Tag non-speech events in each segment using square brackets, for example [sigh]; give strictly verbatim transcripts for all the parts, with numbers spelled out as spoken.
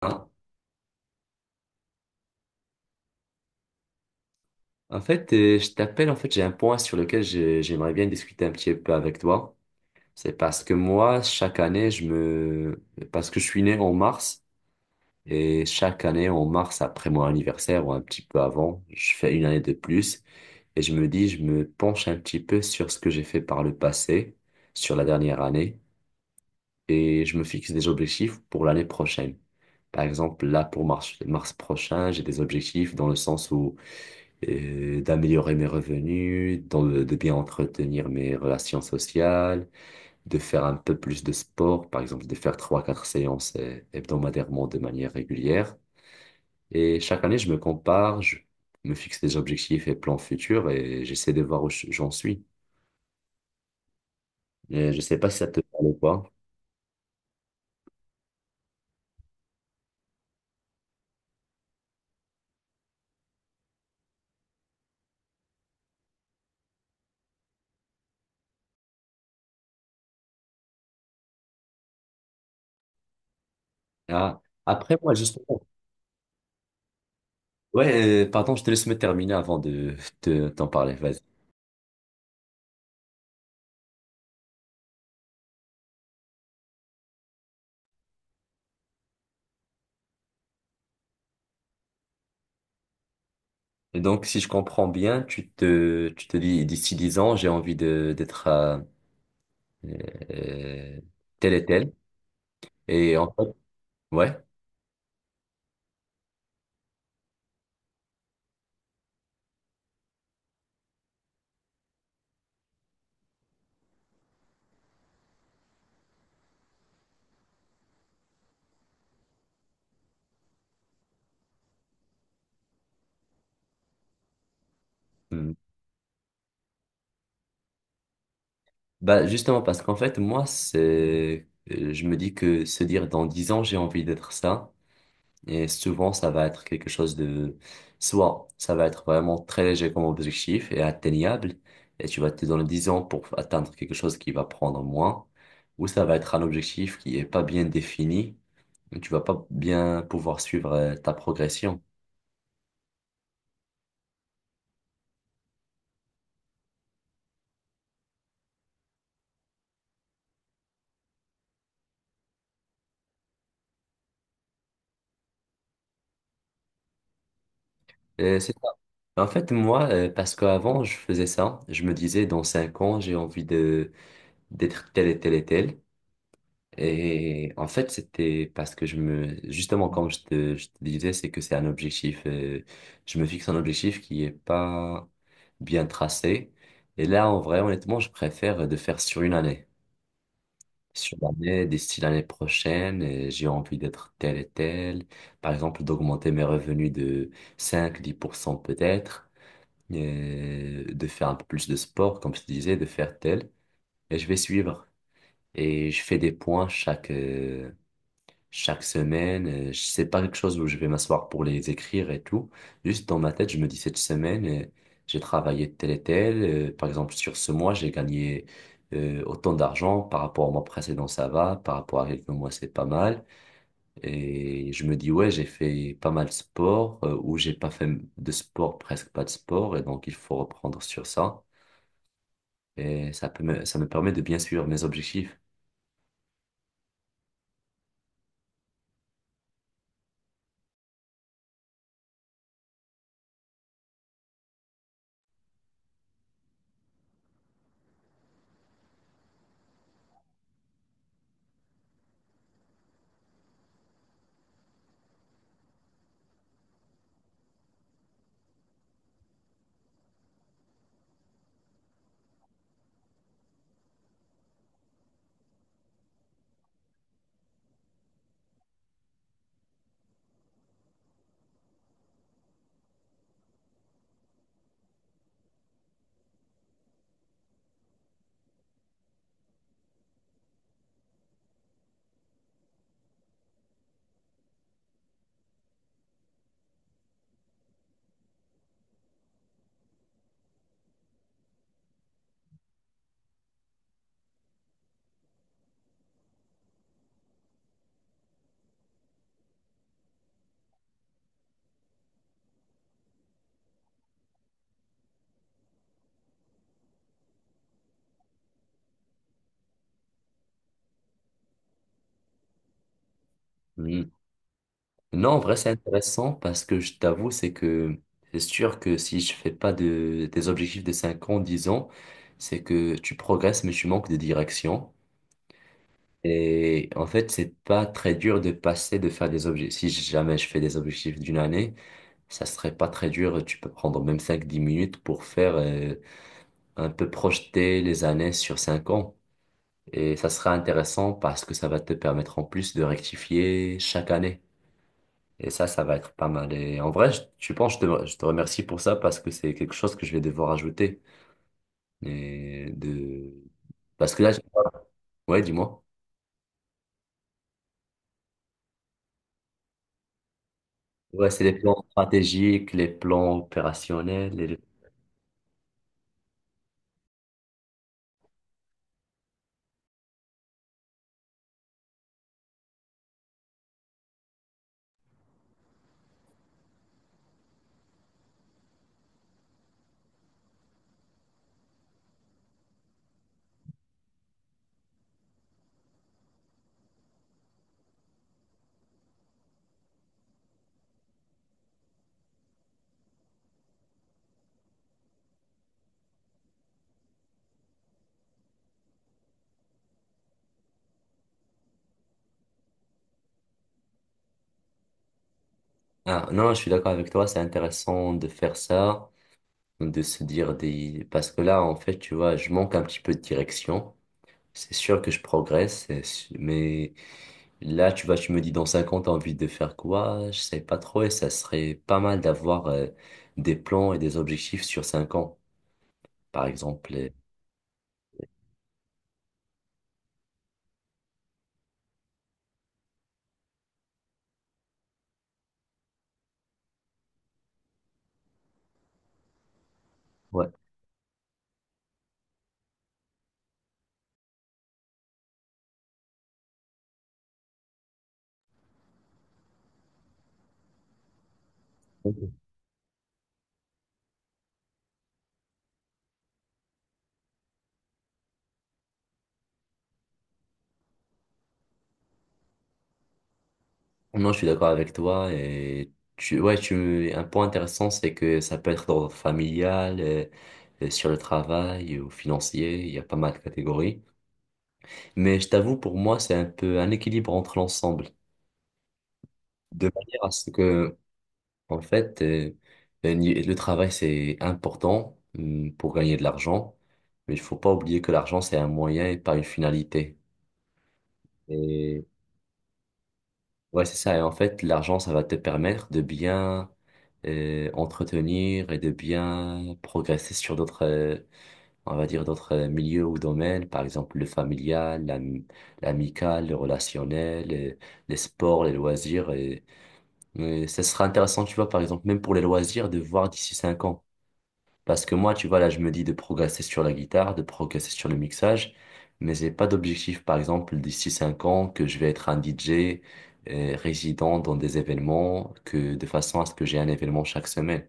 Ah. En fait, euh, je t'appelle, en fait, j'ai un point sur lequel je- j'aimerais bien discuter un petit peu avec toi. C'est parce que moi, chaque année, je me... Parce que je suis né en mars, et chaque année, en mars, après mon anniversaire ou un petit peu avant, je fais une année de plus, et je me dis, je me penche un petit peu sur ce que j'ai fait par le passé, sur la dernière année, et je me fixe des objectifs pour l'année prochaine. Par exemple, là, pour mars, mars prochain, j'ai des objectifs dans le sens où euh, d'améliorer mes revenus, dans le- de bien entretenir mes relations sociales, de faire un peu plus de sport, par exemple de faire trois, quatre séances euh, hebdomadairement de manière régulière. Et chaque année, je me compare, je me fixe des objectifs et plans futurs et j'essaie de voir où je- j'en suis. Euh, Je sais pas si ça te parle ou pas. Ah, après, moi, justement. Ouais, euh, pardon, je te laisse me terminer avant de te- t'en parler. Vas-y. Et donc, si je comprends bien, tu te, tu te dis, d'ici dix ans, j'ai envie de, d'être à, euh, tel et tel. Et en fait, ouais. Mm. Bah, justement, parce qu'en fait, moi, c'est, euh, je me dis que se dire dans dix ans, j'ai envie d'être ça. Et souvent, ça va être quelque chose de, soit ça va être vraiment très léger comme objectif et atteignable. Et tu vas te donner dix ans pour atteindre quelque chose qui va prendre moins. Ou ça va être un objectif qui est pas bien défini. Et tu vas pas bien pouvoir suivre euh, ta progression. Euh, c'est ça. En fait, moi, euh, parce qu'avant, je faisais ça, je me disais, dans cinq ans, j'ai envie de d'être tel et tel et tel. Et en fait, c'était parce que je me... Justement, comme je te, je te disais, c'est que c'est un objectif. Euh, je me fixe un objectif qui est pas bien tracé. Et là, en vrai, honnêtement, je préfère de faire sur une année. Sur l'année, d'ici l'année prochaine, euh, j'ai envie d'être tel et tel. Par exemple, d'augmenter mes revenus de cinq dix pour cent peut-être euh, de faire un peu plus de sport, comme je te disais, de faire tel, et je vais suivre. Et je fais des points chaque, euh, chaque semaine. Euh, Je sais pas quelque chose où je vais m'asseoir pour les écrire et tout. Juste dans ma tête, je me dis cette semaine, euh, j'ai travaillé tel et tel. Euh, par exemple, sur ce mois, j'ai gagné euh, autant d'argent. Par rapport au mois précédent, ça va. Par rapport à quelques mois, c'est pas mal. Et je me dis, ouais, j'ai fait pas mal de sport euh, ou j'ai pas fait de sport, presque pas de sport. Et donc, il faut reprendre sur ça. Et ça peut me, ça me permet de bien suivre mes objectifs. Hmm. Non, en vrai, c'est intéressant parce que je t'avoue, c'est que c'est sûr que si je fais pas de, des objectifs de cinq ans, dix ans, c'est que tu progresses mais tu manques de direction. Et en fait, c'est pas très dur de passer, de faire des objectifs. Si jamais je fais des objectifs d'une année, ça serait pas très dur. Tu peux prendre même cinq dix minutes pour faire euh, un peu projeter les années sur cinq ans. Et ça sera intéressant parce que ça va te permettre en plus de rectifier chaque année. Et ça, ça va être pas mal. Et en vrai, je, je pense, je te, je te remercie pour ça parce que c'est quelque chose que je vais devoir ajouter. Et de... Parce que là, je- ouais, dis-moi. Ouais, c'est les plans stratégiques, les plans opérationnels. Et le- Ah, non, je suis d'accord avec toi, c'est intéressant de faire ça, de se dire des... Parce que là, en fait, tu vois, je manque un petit peu de direction. C'est sûr que je progresse, c'est su- mais... Là, tu vois, tu me dis dans cinq ans, t'as envie de faire quoi? Je sais pas trop et ça serait pas mal d'avoir euh, des plans et des objectifs sur cinq ans, par exemple. Et- Ouais. Ok. Non, je suis d'accord avec toi et tu, ouais, tu, un point intéressant, c'est que ça peut être d'ordre familial, euh, euh, sur le travail ou financier, il y a pas mal de catégories. Mais je t'avoue, pour moi, c'est un peu un équilibre entre l'ensemble. De manière à ce que en fait, euh, un ni- le travail, c'est important hum, pour gagner de l'argent, mais il faut pas oublier que l'argent, c'est un moyen et pas une finalité. Et ouais, c'est ça. Et en fait, l'argent, ça va te permettre de bien euh, entretenir et de bien progresser sur d'autres, euh, on va dire, d'autres euh, milieux ou domaines, par exemple le familial, l'am- l'amical, le relationnel, euh, les sports, les loisirs. Et, et ça sera intéressant, tu vois, par exemple, même pour les loisirs, de voir d'ici cinq ans. Parce que moi, tu vois, là, je me dis de progresser sur la guitare, de progresser sur le mixage, mais j'ai pas d'objectif, par exemple, d'ici cinq ans, que je vais être un D J euh, résident dans des événements, que de façon à ce que j'ai un événement chaque semaine.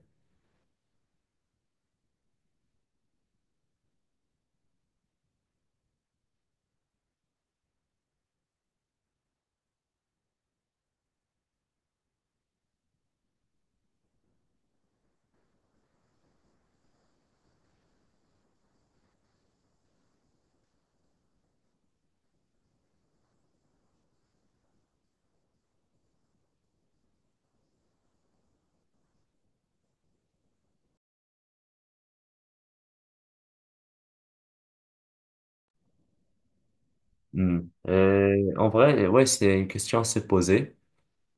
Hmm. Euh, en vrai, ouais, c'est une question à se poser,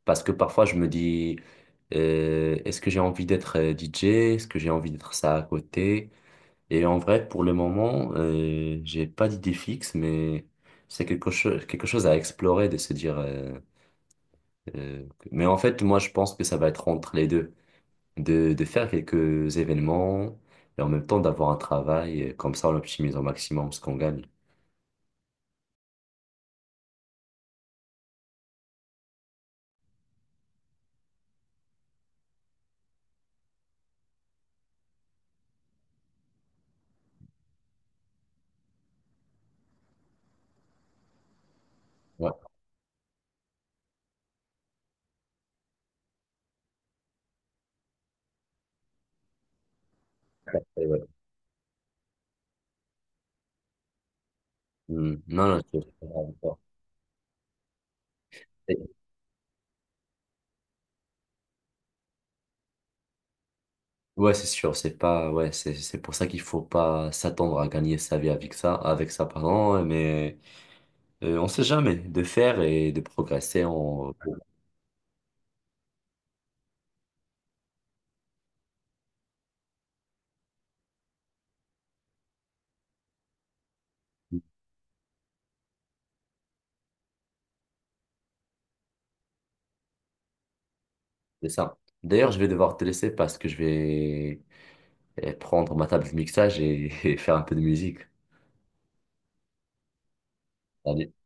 parce que parfois je me dis, euh, est-ce que j'ai envie d'être euh, D J? Est-ce que j'ai envie d'être ça à côté? Et en vrai, pour le moment, euh, j'ai pas d'idée fixe, mais c'est quelque chose, quelque chose à explorer, de se dire. euh, euh, que- Mais en fait, moi, je pense que ça va être entre les deux, de, de faire quelques événements et en même temps d'avoir un travail. Et comme ça, on optimise au maximum ce qu'on gagne. Ouais. Et ouais. Hmm. Non, non, je- je comprends pas. Et- ouais, c'est sûr, c'est pas, ouais, c'est, c'est pour ça qu'il faut pas s'attendre à gagner sa vie avec ça, avec ça, pardon, mais euh, on sait jamais de faire et de progresser en. C'est ça. D'ailleurs, je vais devoir te laisser parce que je vais euh, prendre ma table de mixage et, [laughs] et faire un peu de musique. Salut.